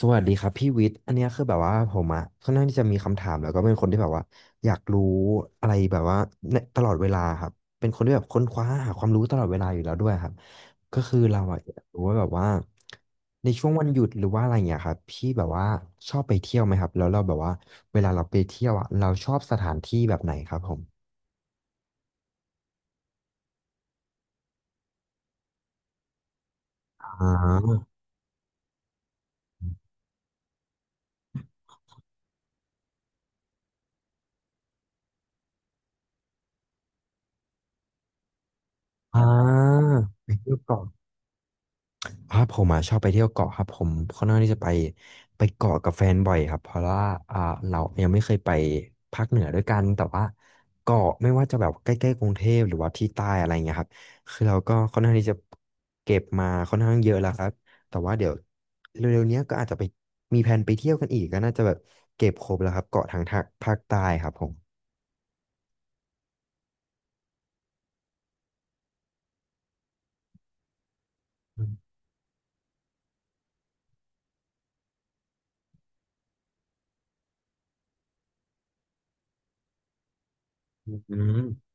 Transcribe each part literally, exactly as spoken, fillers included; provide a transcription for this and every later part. สวัสดีครับพี่วิทย์อันเนี้ยคือแบบว่าผมอะค่อนข้างที่จะมีคำถามแล้วก็เป็นคนที่แบบว่าอยากรู้อะไรแบบว่าในตลอดเวลาครับเป็นคนที่แบบค้นคว้าหาความรู้ตลอดเวลาอยู่แล้วด้วยครับก็คือเราอะอยากรู้ว่าแบบว่าในช่วงวันหยุดหรือว่าอะไรเงี้ยครับพี่แบบว่าชอบไปเที่ยวไหมครับแล้วเราแบบว่าเวลาเราไปเที่ยวอะเราชอบสถานที่แบบไหนครับผมอ่าอ่าไปเที่ยวเกาะ อ่าผมอ่ะชอบไปเที่ยวเกาะครับผมค่อนข้างที่จะไปไปเกาะกับแฟนบ่อยครับเพราะว่าอ่าเรายังไม่เคยไปภาคเหนือด้วยกันแต่ว่าเกาะไม่ว่าจะแบบใกล้ๆกรุงเทพหรือว่าที่ใต้อะไรเงี้ยครับคือเราก็ค่อนข้างที่จะเก็บมาค่อนข้างเยอะแล้วครับแต่ว่าเดี๋ยวเร็วๆเนี้ยก็อาจจะไปมีแผนไปเที่ยวกันอีกก็น่าจะแบบเก็บครบแล้วครับเกาะทางทางภาคใต้ครับผมอืมอืม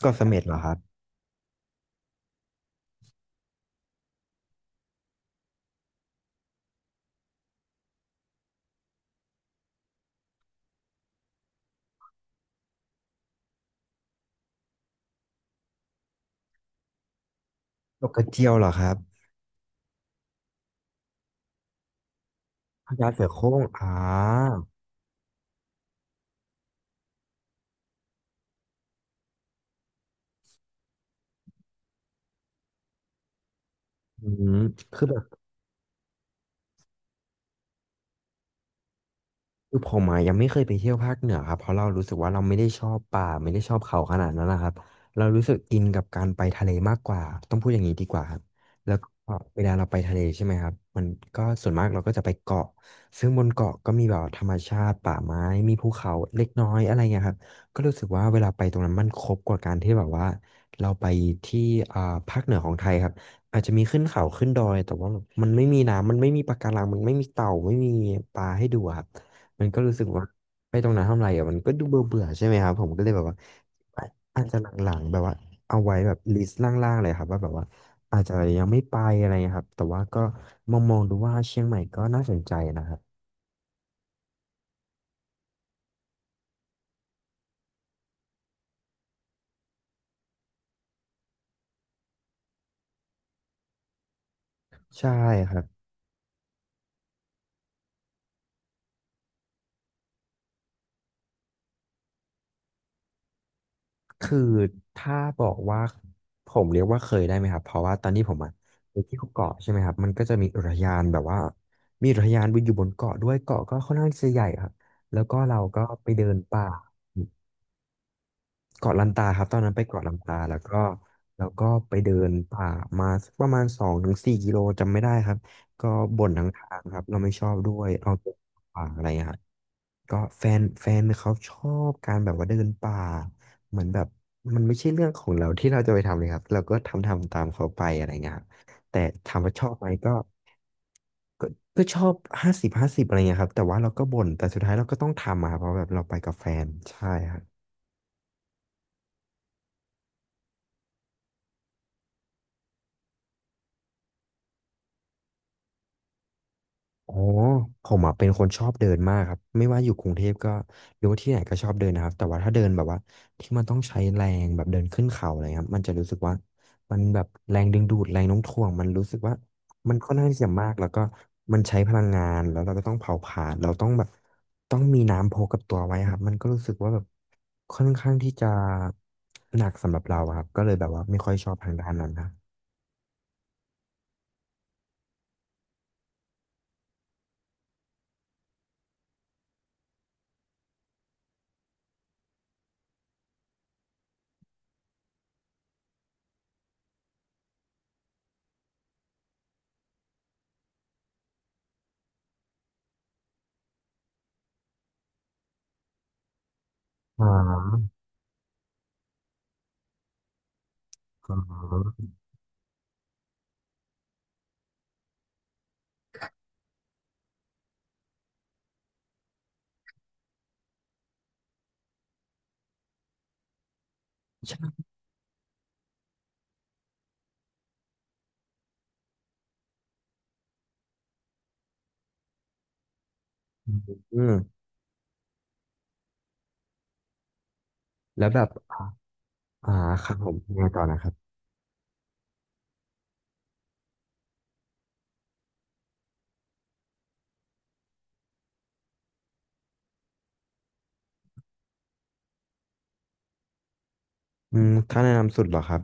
เกาะเสม็ดเหรอครับเกาะกระเจียวเหรอครับพญาเสือโคร่งอ่าอืมคือแบบ คือผมอะยังไม่เคยไปเที่ยวภาคเหนือครับเพราะเรารู้สึกว่าเราไม่ได้ชอบป่าไม่ได้ชอบเขาขนาดนั้นนะครับเรารู้สึกอินกับการไปทะเลมากกว่าต้องพูดอย่างนี้ดีกว่าครับแล้วก็เวลาเราไปทะเลใช่ไหมครับมันก็ส่วนมากเราก็จะไปเกาะซึ่งบนเกาะก็มีแบบธรรมชาติป่าไม้มีภูเขาเล็กน้อยอะไรเงี้ยครับก็รู้สึกว่าเวลาไปตรงนั้นมันครบกว่าการที่แบบว่าเราไปที่อ่าภาคเหนือของไทยครับอาจจะมีขึ้นเขาขึ้นดอยแต่ว่ามันไม่มีน้ำมันไม่มีปะการังมันไม่มีเต่าไม่มีปลาให้ดูอะครับ มันก็รู้สึกว่าไปตรงนั้นทำไรอ่ะมันก็ดูเบื่อเบื่อใช่ไหมครับผมก็เลยแบบว่าอาจจะหลังๆแบบว่าเอาไว้แบบลิสต์ล่างๆเลยครับว่าแบบว่าอาจจะยังไม่ไปอะไรเงี้ยครับแต่ว่าก็มองมองดูว่าเชียงใหม่ก็น่าสนใจนะครับใช่ครับคือถ้าบอกว่าผมเรียกว่าเคยได้ไหมครับเพราะว่าตอนที่ผมอะไปเที่ยวเกาะใช่ไหมครับมันก็จะมีอุทยานแบบว่ามีอุทยานอยู่บนเกาะด้วยเกาะก็ค่อนข้างจะใหญ่ครับแล้วก็เราก็ไปเดินป่า เกาะลันตาครับตอนนั้นไปเกาะลันตาแล้วก็แล้วก็ไปเดินป่ามาสักประมาณสองถึงสี่กิโลจำไม่ได้ครับก็บ่นทั้งทางครับเราไม่ชอบด้วยเอาตัวป่าอะไรครับก็แฟนแฟนเขาชอบการแบบว่าเดินป่าเหมือนแบบมันไม่ใช่เรื่องของเราที่เราจะไปทำเลยครับเราก็ทำทำตามเขาไปอะไรเงี้ยครับแต่ถามว่าชอบไหมก็ก็ก็ชอบห้าสิบห้าสิบอะไรเงี้ยครับแต่ว่าเราก็บ่นแต่สุดท้ายเราก็ต้องทำอะครับเพราะแบบเราไปกับแฟนใช่ครับ อ๋อผมอ่ะเป็นคนชอบเดินมากครับไม่ว่าอยู่กรุงเทพก็หรือว่าที่ไหนก็ชอบเดินนะครับแต่ว่าถ้าเดินแบบว่าที่มันต้องใช้แรงแบบเดินขึ้นเขาอะไรครับมันจะรู้สึกว่ามันแบบแรงดึงดูดแรงโน้มถ่วงมันรู้สึกว่ามันค่อนข้างที่จะมากแล้วก็มันใช้พลังงานแล้วเราก็ต้องเผาผลาญเราต้องแบบต้องมีน้ำพกกับตัวไว้ครับมันก็รู้สึกว่าแบบค่อนข้างที่จะหนักสำหรับเราอะครับก็เลยแบบว่าไม่ค่อยชอบทางด้านนั้นนะอ๋ออ๋อใช่อืมแล้วแบบ อ่าครับผมยังไงต่อนะครับอืมถ้าแนะนำสุดเหรอครับ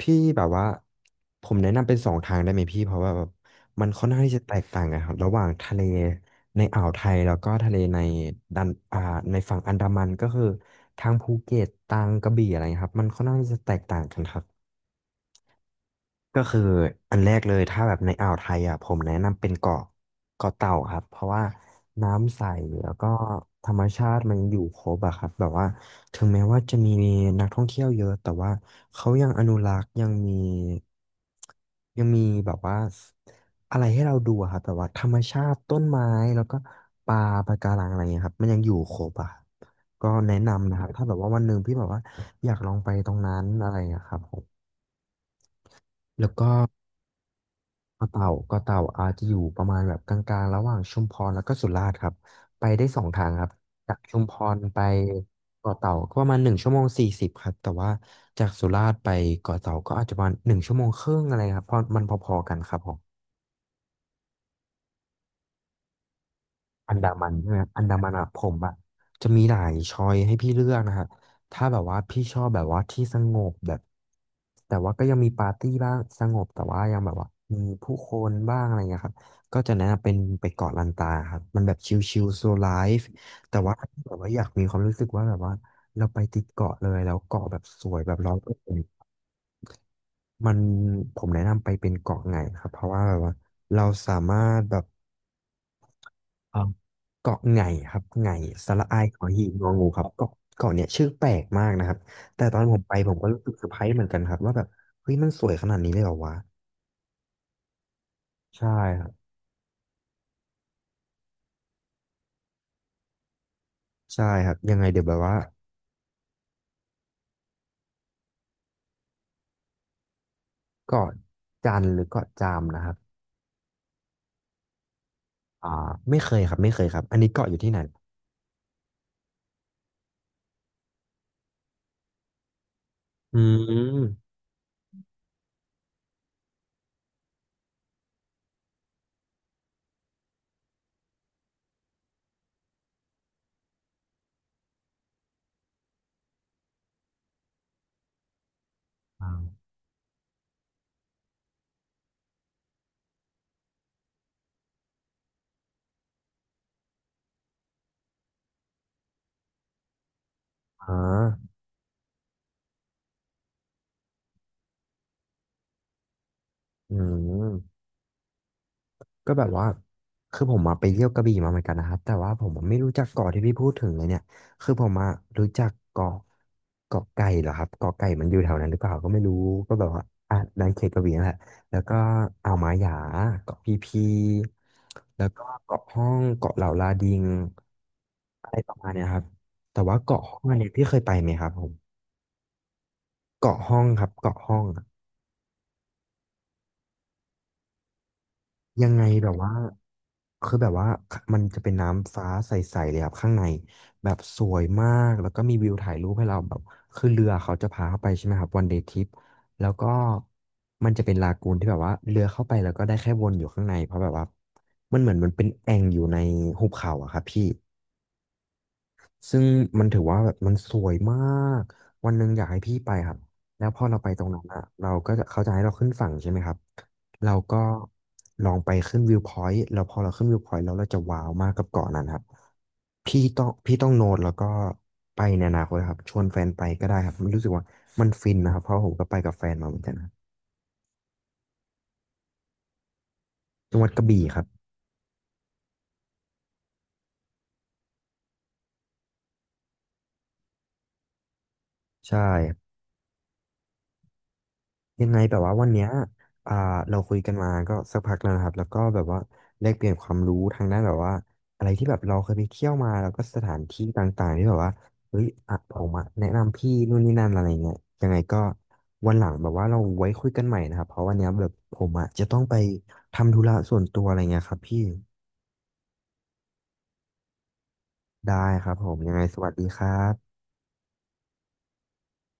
พี่แบบว่าผมแนะนำเป็นสองทางได้ไหมพี่เพราะว่าแบบมันค่อนข้างที่จะแตกต่างกันครับระหว่างทะเลในอ่าวไทยแล้วก็ทะเลในดันอ่าในฝั่งอันดามันก็คือทางภูเก็ตทางกระบี่อะไรครับมันค่อนข้างที่จะแตกต่างกันครับ ก็คืออันแรกเลยถ้าแบบในอ่าวไทยอ่ะผมแนะนำเป็นเกาะเกาะเต่าครับเพราะว่าน้ำใสแล้วก็ธรรมชาติมันอยู่ครบอะครับแบบว่าถึงแม้ว่าจะมีนักท่องเที่ยวเยอะแต่ว่าเขายังอนุรักษ์ยังมียังมีแบบว่าอะไรให้เราดูอะครับแบบว่าธรรมชาติต้นไม้แล้วก็ปลาปะการังอะไรเงี้ยครับมันยังอยู่ครบอะครับก็แนะนำนะครับถ้าแบบว่าวันหนึ่งพี่แบบว่าอยากลองไปตรงนั้นอะไรอะครับผมแล้วก็ เกาะเต่าเกาะเต่าอาจจะอยู่ประมาณแบบกลางๆระหว่างชุมพรแล้วก็สุราษฎร์ครับไปได้สองทางครับจากชุมพรไปเกาะเต่าก็ประมาณหนึ่งชั่วโมงสี่สิบครับแต่ว่าจากสุราษฎร์ไปเกาะเต่าก็อาจจะประมาณหนึ่งชั่วโมงครึ่งอะไรครับเพราะมันพอๆกันครับผม อันดามันใช่ไหมอันดามันอะผมอะจะมีหลายช้อยให้พี่เลือกนะฮะถ้าแบบว่าพี่ชอบแบบว่าที่สงบแบบแต่ว่าก็ยังมีปาร์ตี้บ้างสงบแต่ว่ายังแบบว่ามีผู้คนบ้างอะไรเงี้ยครับก็จะแนะนำเป็นไปเกาะลันตาครับมันแบบชิลๆโซไลฟ์แต่ว่าถ้าแบบว่าอยากมีความรู้สึกว่าแบบว่าเราไปติดเกาะเลยแล้วเกาะแบบสวยแบบร้อยเปอร์เซ็น มันผมแนะนำไปเป็นเกาะไงครับเพราะว่าแบบว่าเราสามารถแบบเอ่อเกาะไงครับไงสระอายขอหีบงองูครับเกาะเกาะเนี่ยชื่อแปลกมากนะครับแต่ตอนผมไปผมก็รู้สึกเซอร์ไพรส์เหมือนกันครับว่าแบบเฮ้ยมันสวยขนาดนี้เลยเหรอวะใช่ครับใช่ครับยังไงเดี๋ยวแบบว่าเกาะจันหรือเกาะจามนะครับอ่าไม่เคยครับไม่เคยครับอันนี้เกาะอยู่ที่ไหนอืมอ่าอ่าอืม ก็แบบว่าคือผมมาไปเที่ยวกระบี่มาเหมือนกันนะครับแต่ว่าผมอะไม่รู้จักเกาะที่พี่พูดถึงเลยเนี่ยคือผมมารู้จักเกาะเกาะไก่เหรอครับเกาะไก่มันอยู่แถวนั้นหรือเปล่าก็ไม่รู้ก็แบบว่าอ่ะในเขตกระบี่นั่นแหละแล้วก็อ่าวหมาหยาเกาะพีพีแล้วก็เกาะห้องเกาะเหล่าลาดิงอะไรประมาณเนี้ยครับแต่ว่าเกาะห้องอันเนี้ยพี่เคยไปไหมครับผมเกาะห้องครับเกาะห้อง ยังไงแบบว่าคือแบบว่ามันจะเป็นน้ำฟ้าใสๆเลยครับข้างในแบบสวยมากแล้วก็มีวิวถ่ายรูปให้เราแบบคือเรือเขาจะพาเข้าไปใช่ไหมครับวันเดย์ทริปแล้วก็มันจะเป็นลากูนที่แบบว่าเรือเข้าไปแล้วก็ได้แค่วนอยู่ข้างในเพราะแบบว่ามันเหมือนมันเป็นแอ่งอยู่ในหุบเขาอะครับพี่ ซึ่งมันถือว่าแบบมันสวยมากวันหนึ่งอยากให้พี่ไปครับแล้วพอเราไปตรงนั้นอ่ะเราก็จะเขาจะให้เราขึ้นฝั่งใช่ไหมครับ เราก็ลองไปขึ้นวิวพอยต์แล้วพอเราขึ้นวิวพอยต์แล้วเราจะว้าวมากกับเกาะนั้นครับพี่ต้องพี่ต้องโน้ตแล้วก็ไปในอนาคตครับชวนแฟนไปก็ได้ครับมันรู้สึกว่ามันฟินนะครับ เพราะผมก็ไปกับแฟนมาเหมือนกันครับจังหวัดกระบี่ครับใช่ ยังไงแบบว่าวันเนี้ยอ่าเราคุยกันมาก็สักพักแล้วนะครับแล้วก็แบบว่าแลกเปลี่ยนความรู้ทางด้านแบบว่าอะไรที่แบบเราเคยไปเที่ยวมาแล้วก็สถานที่ต่างๆที่แบบว่าเฮ้ยอ่ะผมอะแนะนำพี่นู่นนี่นั่นอะไรเงี้ยยังไงก็วันหลังแบบว่าเราไว้คุยกันใหม่นะครับเพราะวันเนี้ยแบบผมอะจะต้องไปทำธุระส่วนตัวอะไรเงี้ยครับพี่ได้ครับผมยังไงสวัสดีครับ